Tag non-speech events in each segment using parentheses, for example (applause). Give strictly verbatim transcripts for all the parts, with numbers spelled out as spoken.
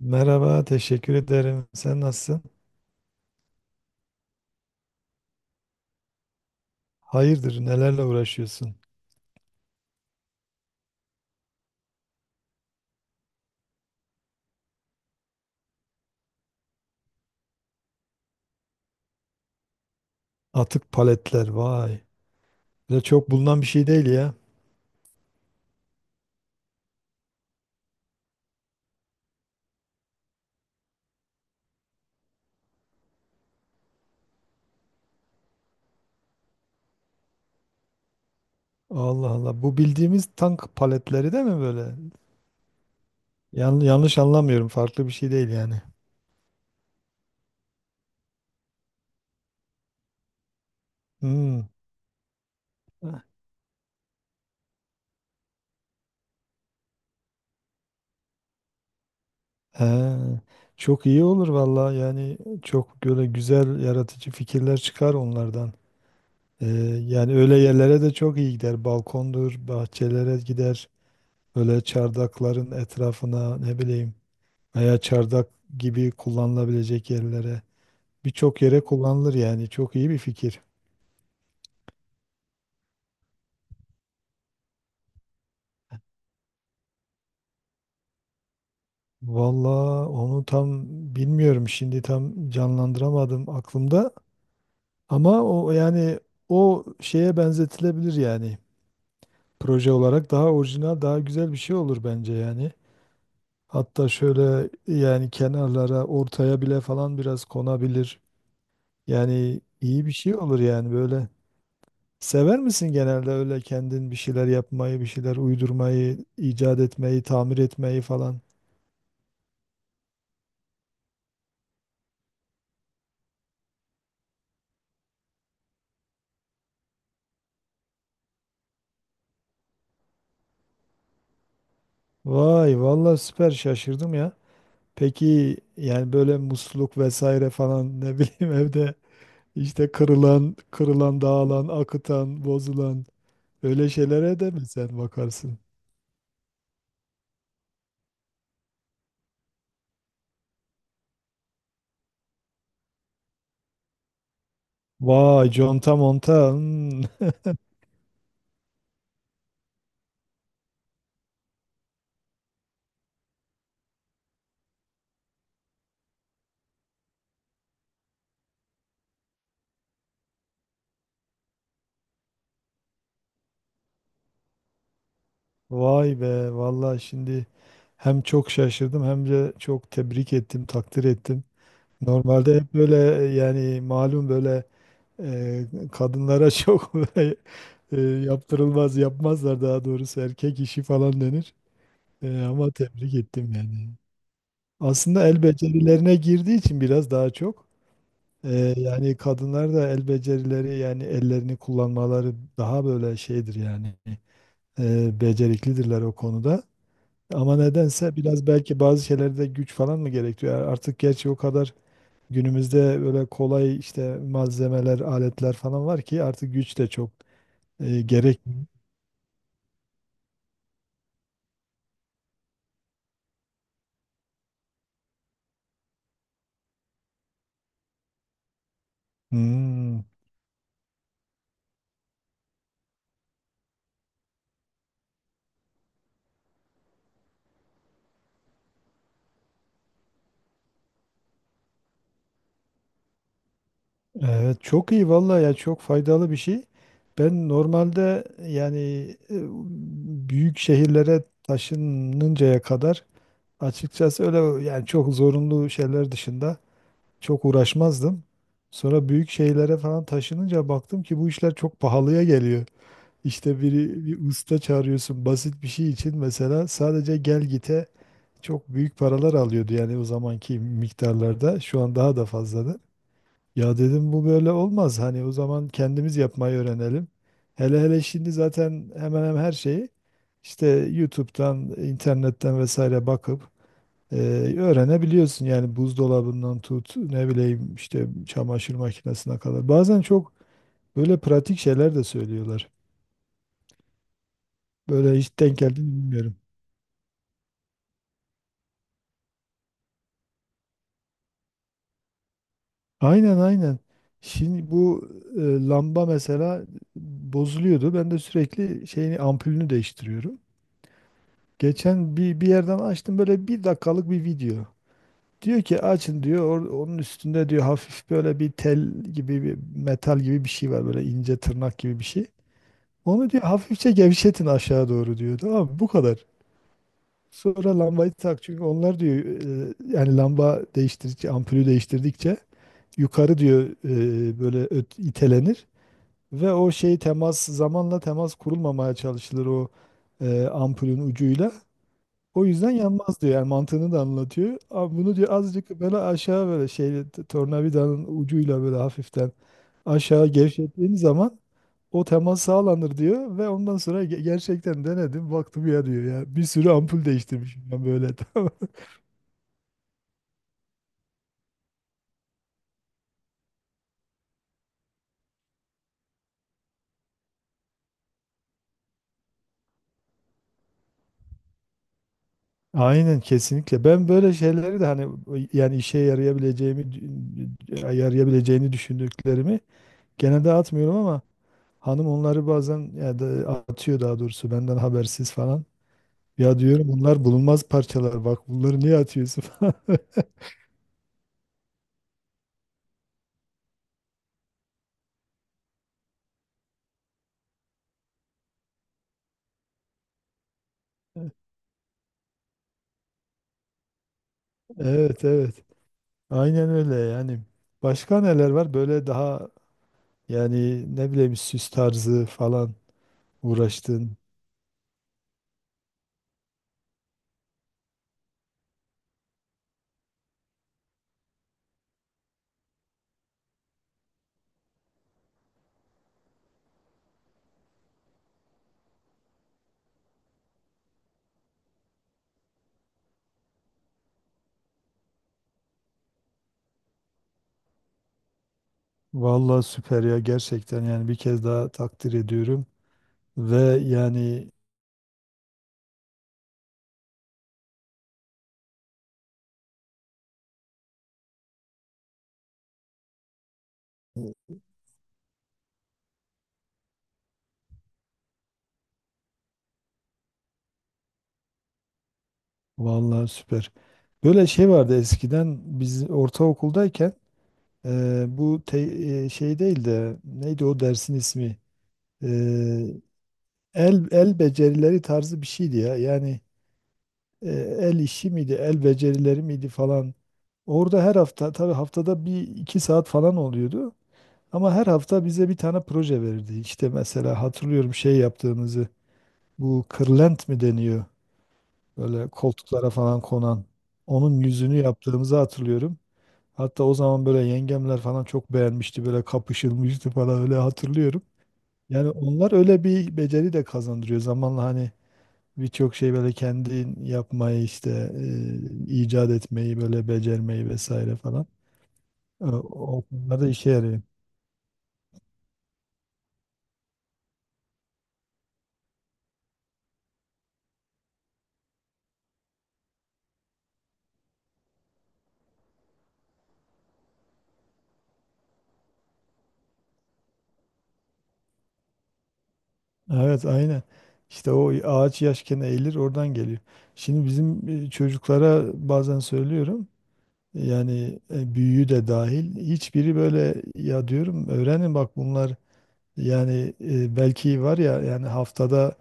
Merhaba, teşekkür ederim. Sen nasılsın? Hayırdır, nelerle uğraşıyorsun? Atık paletler, vay. Böyle çok bulunan bir şey değil ya. Allah Allah. Bu bildiğimiz tank paletleri değil mi böyle? Yan- yanlış anlamıyorum. Farklı bir şey değil yani. Hmm. He. Çok iyi olur valla. Yani çok böyle güzel, yaratıcı fikirler çıkar onlardan. Ee, Yani öyle yerlere de çok iyi gider. Balkondur, bahçelere gider. Böyle çardakların etrafına ne bileyim. Veya çardak gibi kullanılabilecek yerlere birçok yere kullanılır yani çok iyi bir fikir. Valla onu tam bilmiyorum, şimdi tam canlandıramadım aklımda, ama o yani o şeye benzetilebilir yani. Proje olarak daha orijinal, daha güzel bir şey olur bence yani. Hatta şöyle yani kenarlara, ortaya bile falan biraz konabilir. Yani iyi bir şey olur yani böyle. Sever misin genelde öyle kendin bir şeyler yapmayı, bir şeyler uydurmayı, icat etmeyi, tamir etmeyi falan? Vay, vallahi süper şaşırdım ya. Peki yani böyle musluk vesaire falan ne bileyim (laughs) evde işte kırılan, kırılan, dağılan, akıtan, bozulan öyle şeylere de mi sen bakarsın? Vay, conta monta. Hmm. Vay be, vallahi şimdi hem çok şaşırdım hem de çok tebrik ettim, takdir ettim. Normalde hep böyle yani malum böyle e, kadınlara (laughs) çok böyle e, yaptırılmaz, yapmazlar daha doğrusu, erkek işi falan denir. E, ama tebrik ettim yani. Aslında el becerilerine girdiği için biraz daha çok e, yani kadınlar da el becerileri yani ellerini kullanmaları daha böyle şeydir yani, e, beceriklidirler o konuda. Ama nedense biraz belki bazı şeylerde güç falan mı gerektiriyor? Artık gerçi o kadar günümüzde böyle kolay işte malzemeler, aletler falan var ki artık güç de çok e, gerek. Hmm, evet çok iyi vallahi ya, çok faydalı bir şey. Ben normalde yani e, büyük şehirlere taşınıncaya kadar açıkçası öyle yani çok zorunlu şeyler dışında çok uğraşmazdım. Sonra büyük şehirlere falan taşınınca baktım ki bu işler çok pahalıya geliyor. İşte biri bir usta çağırıyorsun basit bir şey için, mesela sadece gel gite çok büyük paralar alıyordu yani, o zamanki miktarlarda. Şu an daha da fazladır. Ya dedim bu böyle olmaz, hani o zaman kendimiz yapmayı öğrenelim. Hele hele şimdi zaten hemen hemen her şeyi işte YouTube'dan, internetten vesaire bakıp e, öğrenebiliyorsun. Yani buzdolabından tut ne bileyim işte çamaşır makinesine kadar. Bazen çok böyle pratik şeyler de söylüyorlar. Böyle hiç denk geldi mi bilmiyorum. Aynen aynen. Şimdi bu e, lamba mesela bozuluyordu. Ben de sürekli şeyini, ampulünü değiştiriyorum. Geçen bir, bir yerden açtım böyle bir dakikalık bir video. Diyor ki açın diyor, or- onun üstünde diyor hafif böyle bir tel gibi bir metal gibi bir şey var, böyle ince tırnak gibi bir şey. Onu diyor hafifçe gevşetin aşağı doğru diyor. Tamam mı? Bu kadar. Sonra lambayı tak, çünkü onlar diyor e, yani lamba değiştirdikçe, ampulü değiştirdikçe yukarı diyor e, böyle öt- itelenir ve o şey temas, zamanla temas kurulmamaya çalışılır o e, ampulün ucuyla. O yüzden yanmaz diyor. Yani mantığını da anlatıyor. Abi bunu diyor azıcık böyle aşağı, böyle şey t- tornavidanın ucuyla böyle hafiften aşağı gevşettiğin zaman o temas sağlanır diyor, ve ondan sonra ge- gerçekten denedim, baktım. Ya diyor ya, bir sürü ampul değiştirmişim ben böyle. (laughs) Aynen, kesinlikle. Ben böyle şeyleri de hani, yani işe yarayabileceğimi yarayabileceğini düşündüklerimi genelde atmıyorum, ama hanım onları bazen ya da atıyor, daha doğrusu benden habersiz falan. Ya diyorum bunlar bulunmaz parçalar, bak bunları niye atıyorsun (laughs) falan. Evet evet. Aynen öyle yani. Başka neler var böyle daha, yani ne bileyim süs tarzı falan uğraştın. Vallahi süper ya, gerçekten yani bir kez daha takdir ediyorum. Ve yani vallahi süper. Böyle şey vardı eskiden, biz ortaokuldayken e, bu te- e, şey değil de neydi o dersin ismi? E, el el becerileri tarzı bir şeydi ya. Yani e, el işi miydi, el becerileri miydi falan. Orada her hafta tabii, haftada bir iki saat falan oluyordu. Ama her hafta bize bir tane proje verirdi. İşte mesela hatırlıyorum şey yaptığımızı. Bu kırlent mi deniyor? Böyle koltuklara falan konan. Onun yüzünü yaptığımızı hatırlıyorum. Hatta o zaman böyle yengemler falan çok beğenmişti. Böyle kapışılmıştı falan, öyle hatırlıyorum. Yani onlar öyle bir beceri de kazandırıyor. Zamanla hani birçok şey böyle kendin yapmayı işte e, icat etmeyi, böyle becermeyi vesaire falan. E, o konularda işe yarıyor. Evet aynen. İşte o ağaç yaşken eğilir, oradan geliyor. Şimdi bizim e, çocuklara bazen söylüyorum. Yani e, büyüğü de dahil hiçbiri böyle. Ya diyorum öğrenin bak, bunlar yani e, belki var ya, yani haftada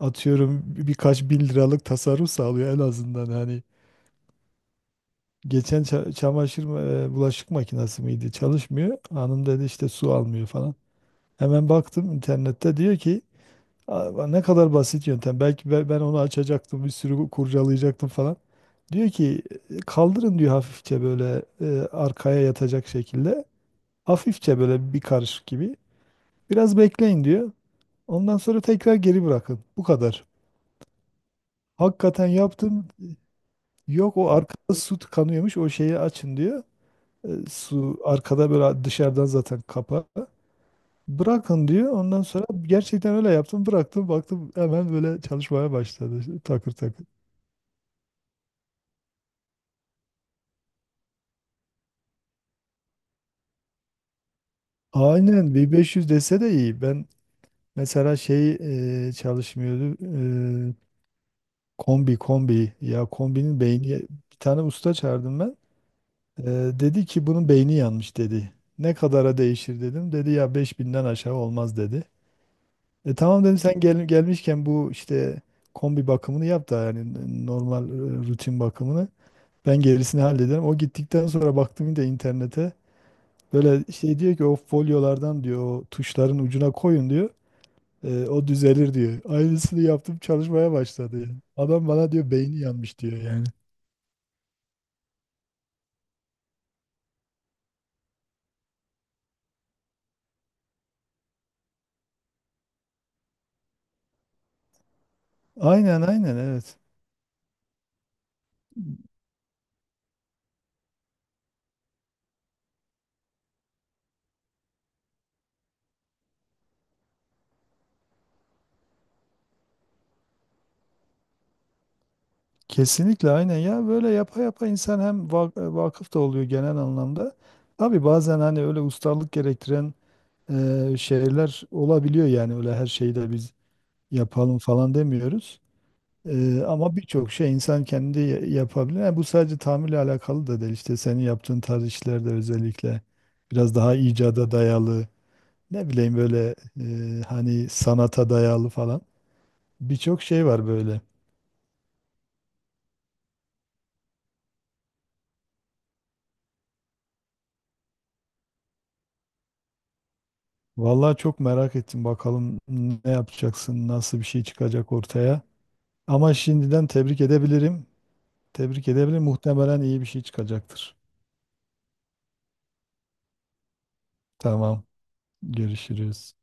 atıyorum bir- birkaç bin liralık tasarruf sağlıyor en azından hani. Geçen ça- çamaşır ma- e, bulaşık makinesi miydi, çalışmıyor, hanım dedi işte, su almıyor falan. Hemen baktım internette. Diyor ki "Aa, ne kadar basit yöntem, belki be- ben onu açacaktım, bir sürü kurcalayacaktım falan. Diyor ki "E, kaldırın diyor hafifçe böyle e, arkaya yatacak şekilde. Hafifçe böyle bir karışık gibi. Biraz bekleyin diyor. Ondan sonra tekrar geri bırakın. Bu kadar. Hakikaten yaptım. Yok, o arkada su tıkanıyormuş. O şeyi açın diyor. E, su arkada böyle dışarıdan zaten kapağı. Bırakın diyor. Ondan sonra gerçekten öyle yaptım. Bıraktım, baktım hemen böyle çalışmaya başladı. Takır takır. Aynen bin beş yüz dese de iyi. Ben mesela şey e, çalışmıyordu. E, kombi kombi. Ya kombinin beyni. Bir tane usta çağırdım ben. Ee, dedi ki bunun beyni yanmış dedi. Ne kadara değişir dedim. Dedi ya beş binden aşağı olmaz dedi. E tamam dedim sen gel, gelmişken bu işte kombi bakımını yap da, yani n- normal e, rutin bakımını. Ben gerisini hallederim. O gittikten sonra baktım yine de internete. Böyle şey diyor ki, o folyolardan diyor o tuşların ucuna koyun diyor. E, o düzelir diyor. Aynısını yaptım, çalışmaya başladı yani. Adam bana diyor beyni yanmış diyor yani. Aynen aynen, evet. Kesinlikle aynen ya, böyle yapa yapa insan hem va- vakıf da oluyor genel anlamda. Tabii bazen hani öyle ustalık gerektiren e, şeyler olabiliyor, yani öyle her şeyi de biz yapalım falan demiyoruz. E, ama birçok şey insan kendi ya- yapabilir. Yani bu sadece tamirle alakalı da değil, işte senin yaptığın tarz işlerde özellikle biraz daha icada dayalı, ne bileyim böyle e, hani sanata dayalı falan birçok şey var böyle. Vallahi çok merak ettim bakalım ne yapacaksın, nasıl bir şey çıkacak ortaya. Ama şimdiden tebrik edebilirim. Tebrik edebilirim. Muhtemelen iyi bir şey çıkacaktır. Tamam, görüşürüz.